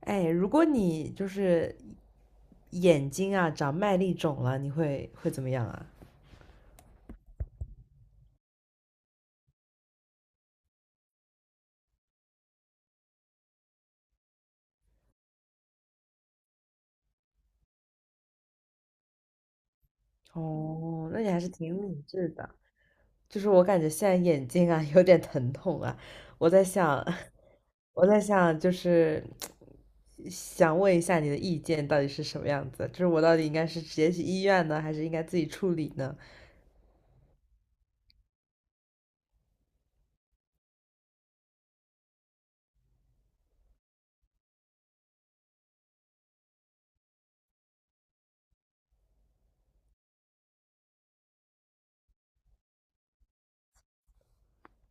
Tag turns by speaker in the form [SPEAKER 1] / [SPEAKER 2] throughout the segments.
[SPEAKER 1] 哎，如果你就是眼睛啊长麦粒肿了，你会怎么样啊？哦，那你还是挺理智的。就是我感觉现在眼睛啊 有点疼痛啊，我在想，我在想，就是想问一下你的意见到底是什么样子？就是我到底应该是直接去医院呢，还是应该自己处理呢？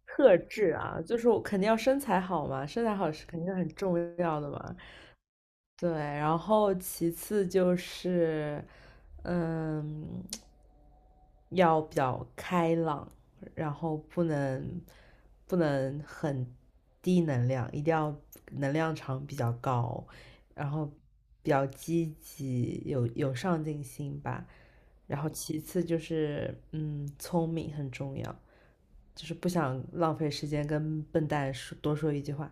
[SPEAKER 1] 特质啊，就是我肯定要身材好嘛，身材好是肯定很重要的嘛。对，然后其次就是，嗯，要比较开朗，然后不能很低能量，一定要能量场比较高，然后比较积极，有上进心吧。然后其次就是，聪明很重要，就是不想浪费时间跟笨蛋说一句话。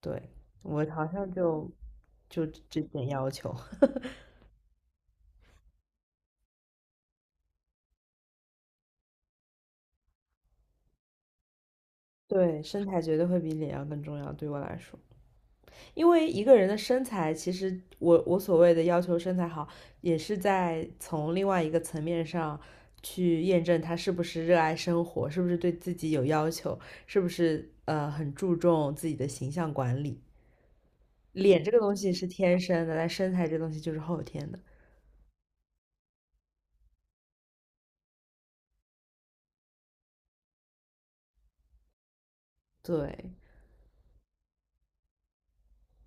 [SPEAKER 1] 对，我好像就这点要求。对，身材绝对会比脸要更重要，对我来说，因为一个人的身材，其实我所谓的要求身材好，也是在从另外一个层面上去验证他是不是热爱生活，是不是对自己有要求，是不是很注重自己的形象管理。脸这个东西是天生的，但身材这东西就是后天的。对，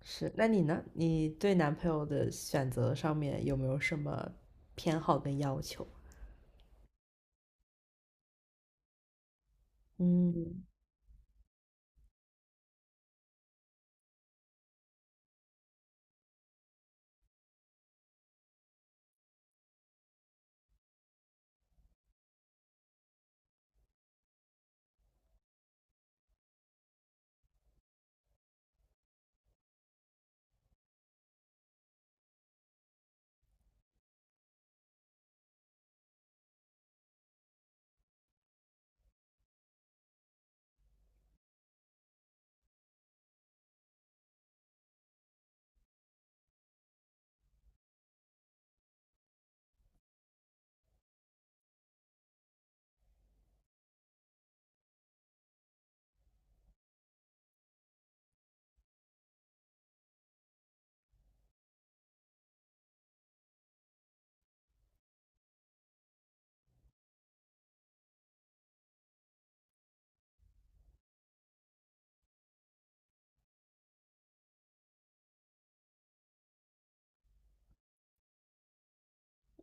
[SPEAKER 1] 是，那你呢？你对男朋友的选择上面有没有什么偏好跟要求？嗯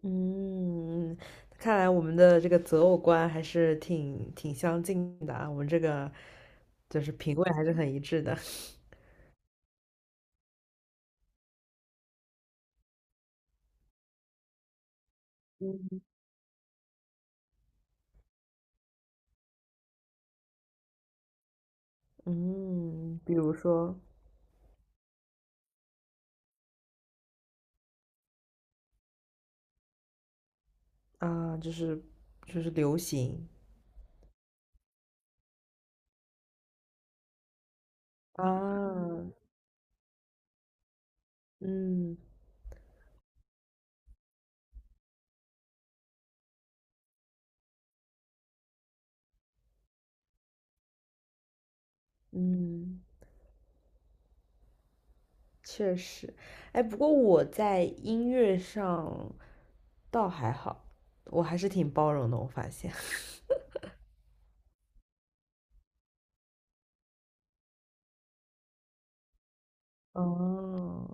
[SPEAKER 1] 嗯，看来我们的这个择偶观还是挺相近的啊，我们这个就是品味还是很一致的。嗯嗯，比如说啊，就是流行啊，嗯嗯。确实，哎，不过我在音乐上倒还好，我还是挺包容的，我发现。哦，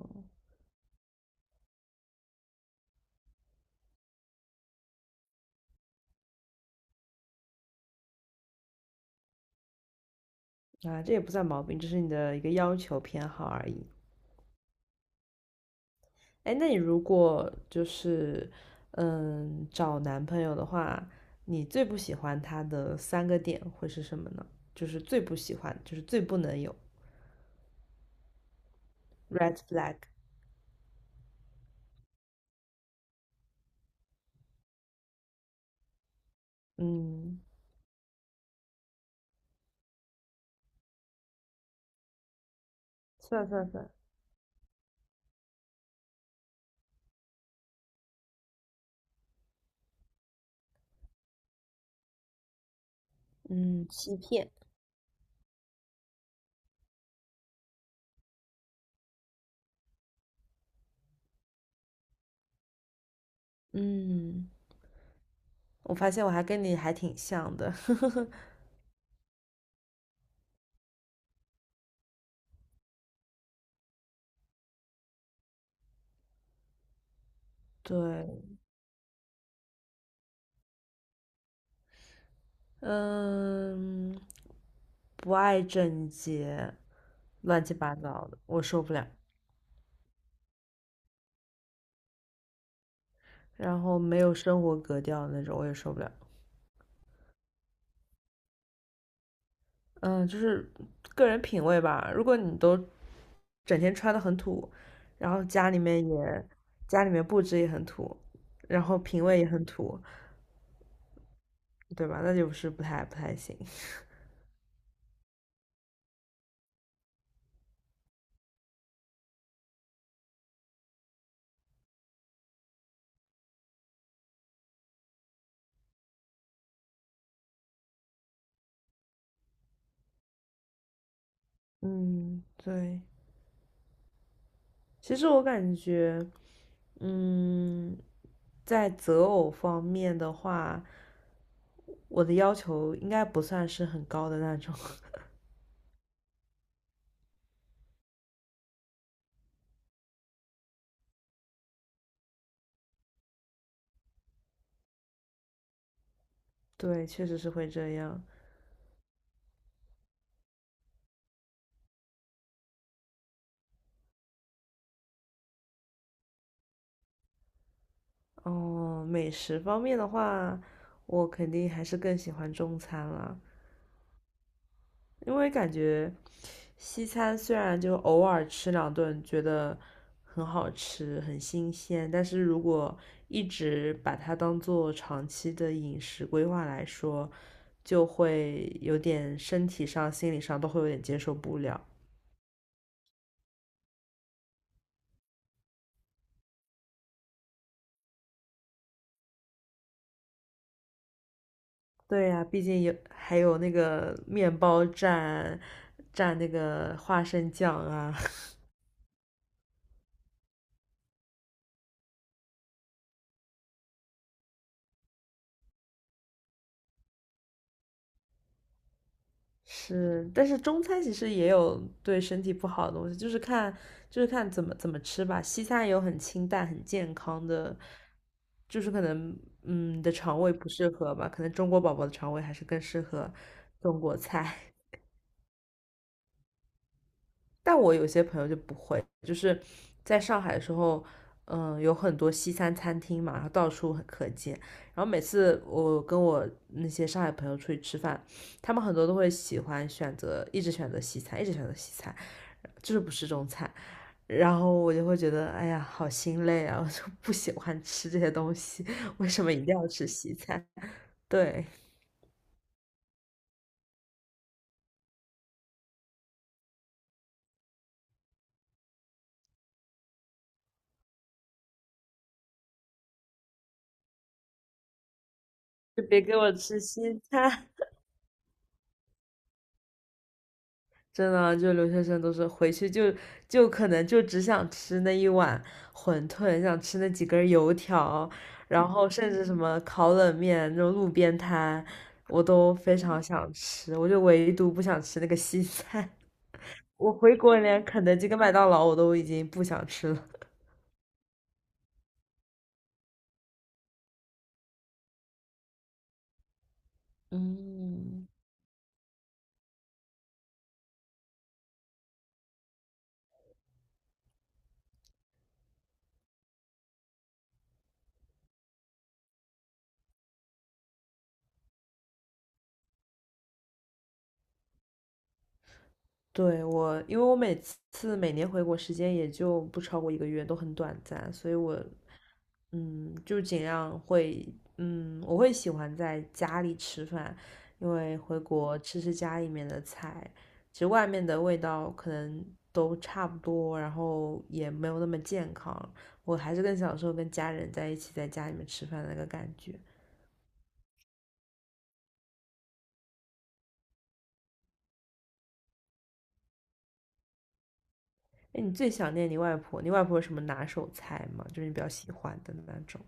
[SPEAKER 1] 啊，这也不算毛病，这是你的一个要求偏好而已。哎，那你如果就是找男朋友的话，你最不喜欢他的3个点会是什么呢？就是最不喜欢，就是最不能有 red flag。嗯，算算算，嗯，欺骗。嗯。我发现我还跟你还挺像的，对，嗯，不爱整洁，乱七八糟的，我受不了。然后没有生活格调的那种，我也受不了。嗯，就是个人品味吧。如果你都整天穿的很土，然后家里面布置也很土，然后品味也很土，对吧？那就是不太行。嗯，对。其实我感觉。嗯，在择偶方面的话，我的要求应该不算是很高的那种。对，确实是会这样。哦，美食方面的话，我肯定还是更喜欢中餐啦，因为感觉西餐虽然就偶尔吃2顿觉得很好吃、很新鲜，但是如果一直把它当做长期的饮食规划来说，就会有点身体上、心理上都会有点接受不了。对呀、啊毕竟还有那个面包蘸蘸那个花生酱啊，是。但是中餐其实也有对身体不好的东西，就是看怎么吃吧。西餐也有很清淡、很健康的，就是可能你的肠胃不适合吧，可能中国宝宝的肠胃还是更适合中国菜。但我有些朋友就不会，就是在上海的时候，有很多西餐餐厅嘛，然后到处很可见。然后每次我跟我那些上海朋友出去吃饭，他们很多都会喜欢选择，一直选择西餐，一直选择西餐，就是不吃中餐。然后我就会觉得，哎呀，好心累啊，我就不喜欢吃这些东西，为什么一定要吃西餐？对，就别给我吃西餐。真的，就留学生都是回去就可能就只想吃那一碗馄饨，想吃那几根油条，然后甚至什么烤冷面那种路边摊，我都非常想吃，我就唯独不想吃那个西餐。我回国连肯德基跟麦当劳我都已经不想吃了。嗯，对，我，因为我每年回国时间也就不超过一个月，都很短暂，所以我就尽量会，我会喜欢在家里吃饭，因为回国吃家里面的菜，其实外面的味道可能都差不多，然后也没有那么健康。我还是更享受跟家人在一起在家里面吃饭的那个感觉。哎，你最想念你外婆？你外婆有什么拿手菜吗？就是你比较喜欢的那种？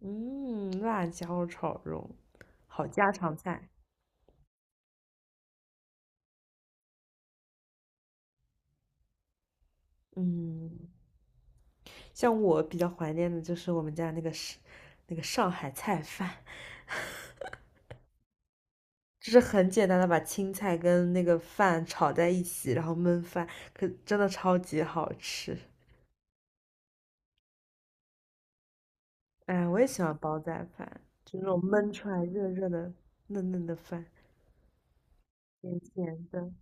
[SPEAKER 1] 嗯，辣椒炒肉，好家常菜。嗯，像我比较怀念的就是我们家那个上海菜饭，就是很简单的把青菜跟那个饭炒在一起，然后焖饭，可真的超级好吃。哎，我也喜欢煲仔饭，就那种焖出来热热的、嫩嫩的饭，甜甜的。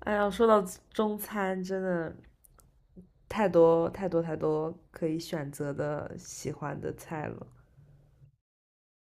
[SPEAKER 1] 哎呀，说到中餐，真的太多太多太多可以选择的喜欢的菜了。